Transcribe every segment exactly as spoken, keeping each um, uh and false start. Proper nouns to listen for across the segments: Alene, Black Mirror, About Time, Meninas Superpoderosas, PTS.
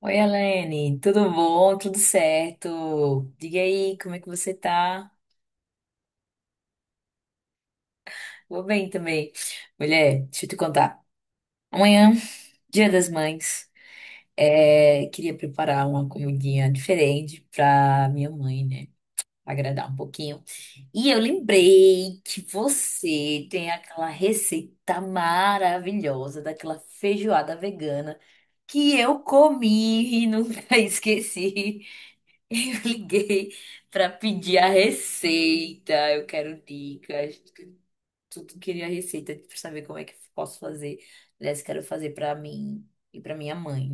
Oi, Alene, tudo bom? Tudo certo? Diga aí, como é que você tá? Vou bem também. Mulher, deixa eu te contar. Amanhã, Dia das Mães, é, queria preparar uma comidinha diferente pra minha mãe, né? Agradar um pouquinho. E eu lembrei que você tem aquela receita maravilhosa daquela feijoada vegana que eu comi e nunca esqueci. Eu liguei para pedir a receita. Eu quero dicas. Tudo queria receita para saber como é que eu posso fazer. Aliás, quero fazer para mim e para minha mãe.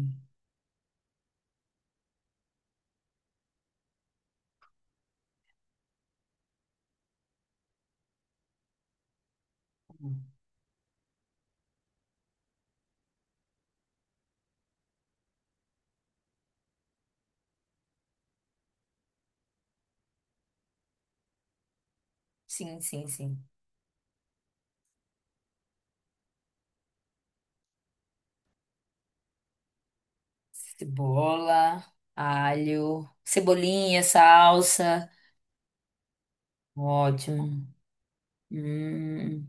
Sim, sim, sim. Cebola, alho, cebolinha, salsa. Ótimo. Hum.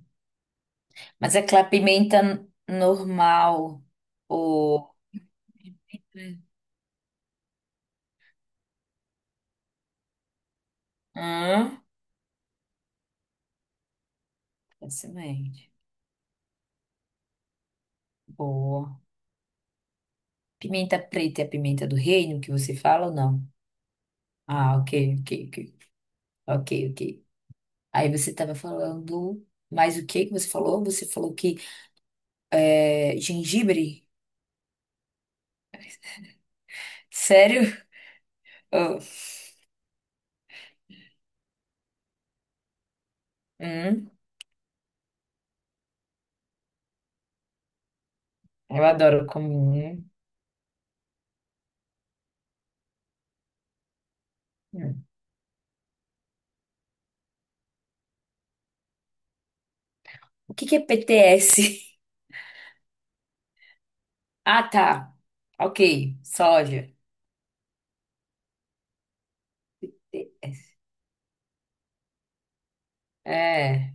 Mas é aquela pimenta normal ou hum, excelente. Boa. Pimenta preta é a pimenta do reino que você fala ou não? Ah, ok, ok, ok, ok, ok. Aí você estava falando, mas o que que você falou? Você falou que é, gengibre? Sério? Oh, hum, eu adoro comer. Hum. Hum. O que que é P T S? Ah, tá. Ok, soja. É.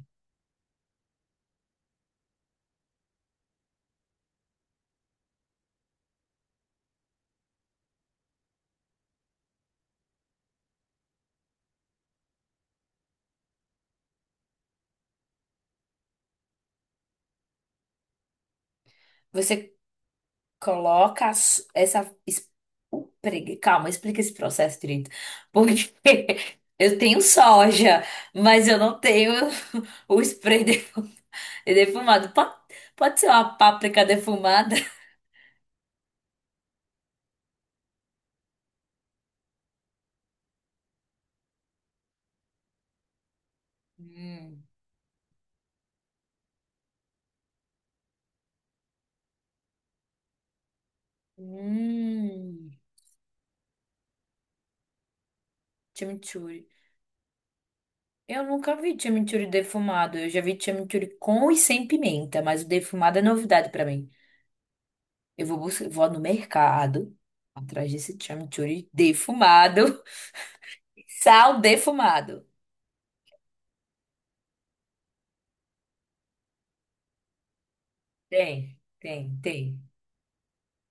Você Coloca as- essa. Es- o pregue- Calma, explica esse processo direito. Porque eu tenho soja, mas eu não tenho o spray defu- defumado. Pode, pode ser uma páprica defumada? Hum. Hum. Chimichurri. Eu nunca vi chimichurri defumado. Eu já vi chimichurri com e sem pimenta, mas o defumado é novidade pra mim. Eu vou, buscar, vou no mercado atrás desse chimichurri defumado, sal defumado. Tem, tem, tem,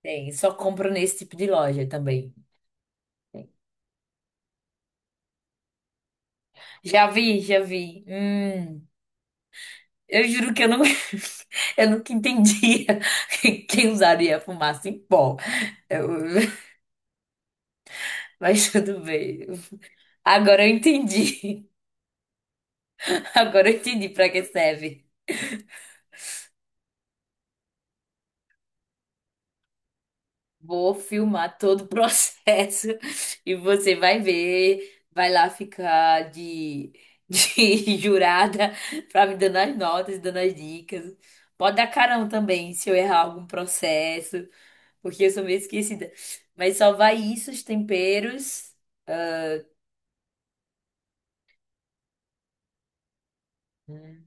tem. Só compro nesse tipo de loja também. Já vi, já vi. Hum, eu juro que eu não, eu nunca entendia quem usaria fumaça em pó. Eu- mas tudo bem. Agora eu entendi. Agora eu entendi para que serve. Vou filmar todo o processo e você vai ver, vai lá ficar de, de jurada pra me dando as notas, dando as dicas. Pode dar carão também se eu errar algum processo, porque eu sou meio esquecida. Mas só vai isso, os temperos. Hum,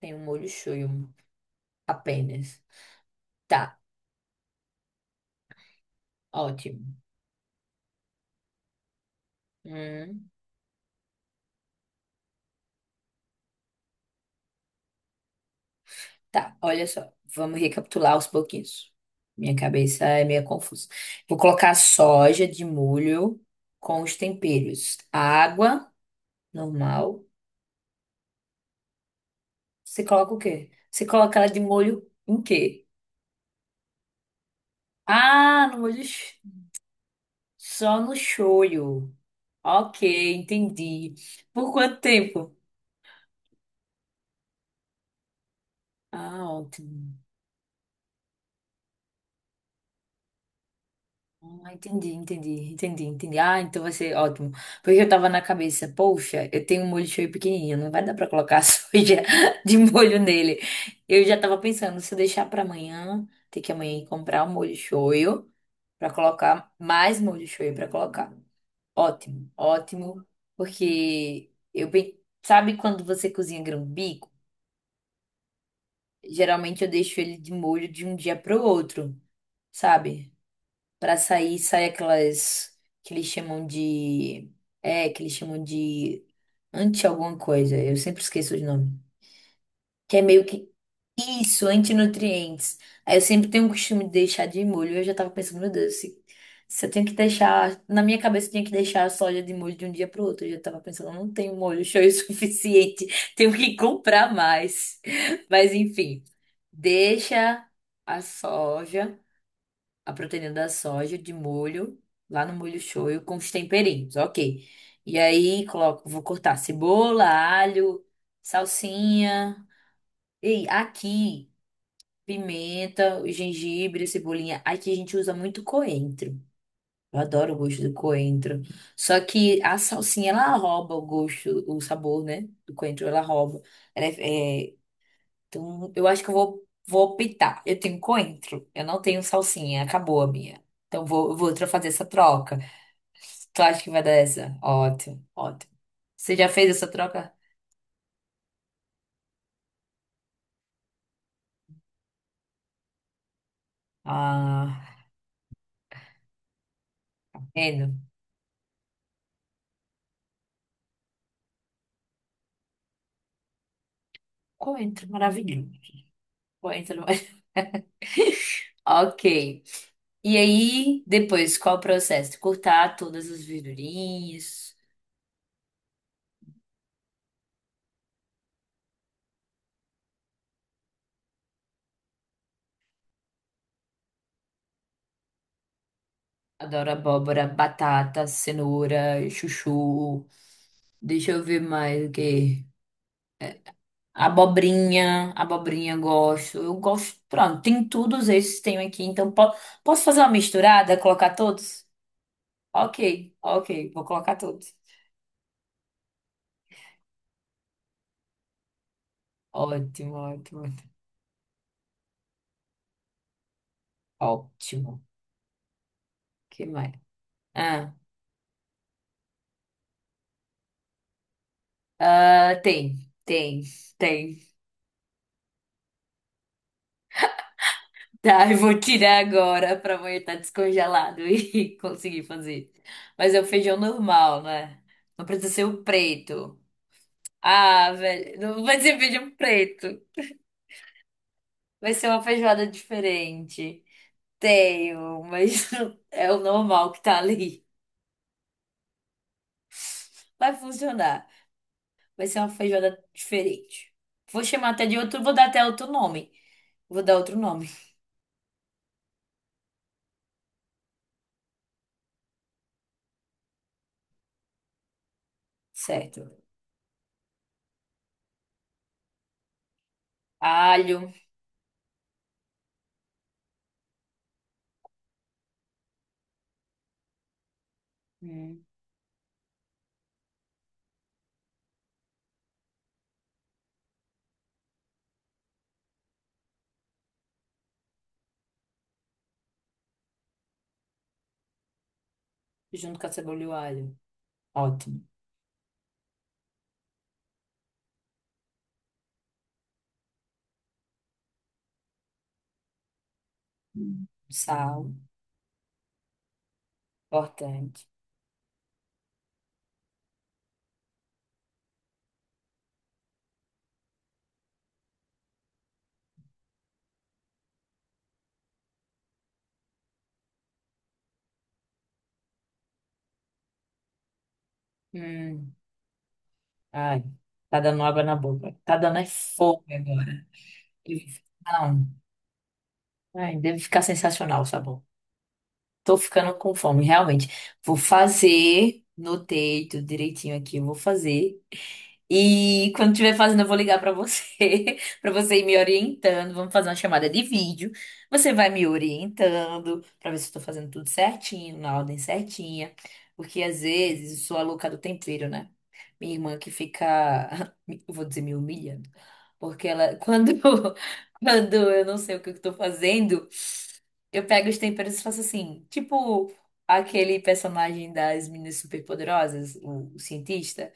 tem um molho shoyu apenas. Tá, ótimo. Hum, Tá, olha só. Vamos recapitular aos pouquinhos. Minha cabeça é meio confusa. Vou colocar soja de molho com os temperos. Água, normal. Você coloca o quê? Você coloca ela de molho em quê? Ah, no molho. sh- Só no shoyu. Ok, entendi. Por quanto tempo? Ah, ótimo. Ah, entendi, entendi, entendi, entendi. Ah, então vai ser ótimo. Porque eu tava na cabeça, poxa, eu tenho um molho shoyu pequenininho, não vai dar pra colocar soja de molho nele. Eu já tava pensando, se eu deixar pra amanhã, ter que amanhã ir comprar um molho shoyu pra colocar, mais molho shoyu pra colocar. Ótimo, ótimo, porque eu, pe- sabe quando você cozinha grão-bico? Geralmente eu deixo ele de molho de um dia pro outro, sabe? Pra sair, sai aquelas que eles chamam de. É, que eles chamam de anti alguma coisa. Eu sempre esqueço os nomes. Que é meio que isso, antinutrientes. Aí eu sempre tenho o costume de deixar de molho. Eu já tava pensando, meu Deus, se, se eu tenho que deixar. Na minha cabeça eu tinha que deixar a soja de molho de um dia pro outro. Eu já tava pensando, eu não tenho molho show o suficiente. Tenho que comprar mais. Mas enfim, deixa a soja a proteína da soja de molho, lá no molho shoyu, com os temperinhos, ok. E aí coloco, vou cortar cebola, alho, salsinha. E aqui, pimenta, o gengibre, a cebolinha. Aqui a gente usa muito coentro. Eu adoro o gosto do coentro. Só que a salsinha, ela rouba o gosto, o sabor, né? Do coentro, ela rouba. Ela é, é então, eu acho que eu vou, vou optar. Eu tenho coentro, eu não tenho salsinha, acabou a minha. Então, vou, eu vou tra- fazer essa troca. Tu acha que vai dar essa? Ótimo, ótimo. Você já fez essa troca? Ah, vendo? Coentro, maravilhoso. Coentro. Ok. E aí, depois, qual o processo? Cortar todas as verdurinhas. Adoro abóbora, batata, cenoura, chuchu. Deixa eu ver mais o quê? Abobrinha, abobrinha eu gosto. Eu gosto, pronto, tem todos esses que tenho aqui, então po- posso fazer uma misturada, colocar todos? Ok, ok, vou colocar todos. Ótimo, ótimo, ótimo. Que mais? Ah, ah, tem, tem, tem. Tá, eu vou tirar agora pra amanhã estar descongelado e conseguir fazer. Mas é o feijão normal, né? Não precisa ser o preto. Ah, velho, não vai ser feijão preto. Vai ser uma feijoada diferente. Tenho, mas é o normal que tá ali. Vai funcionar. Vai ser uma feijoada diferente. Vou chamar até de outro, vou dar até outro nome. Vou dar outro nome, certo? Alho, hum, junto com a cebola e o alho. Ótimo. Hum, Sal, importante. Hum, ai, tá dando água na boca. Tá dando é fome agora. Deve- Não, ai, deve ficar sensacional o sabor. Tô ficando com fome, realmente. Vou fazer, notei tudo direitinho aqui, eu vou fazer. E quando estiver fazendo, eu vou ligar pra você, pra você ir me orientando. Vamos fazer uma chamada de vídeo. Você vai me orientando pra ver se eu tô fazendo tudo certinho, na ordem certinha. Porque às vezes eu sou a louca do tempero, né? Minha irmã que fica, eu vou dizer, me humilhando. Porque ela, quando, quando eu não sei o que eu tô fazendo, eu pego os temperos e faço assim, tipo aquele personagem das Meninas Superpoderosas, o o cientista.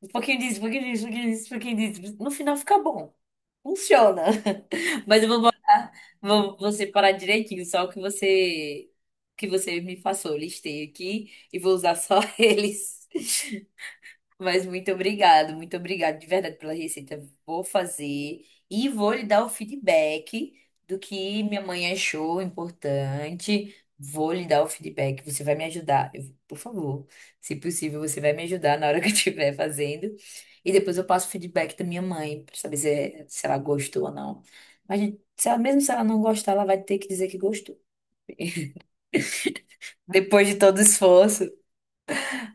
Um pouquinho disso, um pouquinho disso, um pouquinho disso, um pouquinho disso. No final fica bom. Funciona. Mas eu vou botar, vou, vou separar direitinho só o que você, que você me passou. Listei aqui e vou usar só eles. Mas muito obrigado, muito obrigado de verdade pela receita. Vou fazer e vou lhe dar o feedback do que minha mãe achou importante. Vou lhe dar o feedback. Você vai me ajudar, Eu- por favor. Se possível, você vai me ajudar na hora que eu estiver fazendo. E depois eu passo o feedback da minha mãe para saber se, é, se ela gostou ou não. Mas se ela, mesmo se ela não gostar, ela vai ter que dizer que gostou. Depois de todo o esforço.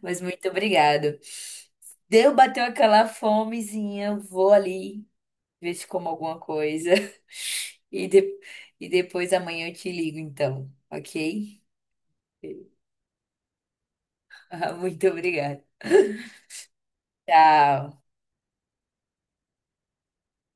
Mas muito obrigado. Deu, bateu aquela fomezinha, eu vou ali ver se como alguma coisa. E, de- e depois amanhã eu te ligo, então, ok? Muito obrigada. Tchau.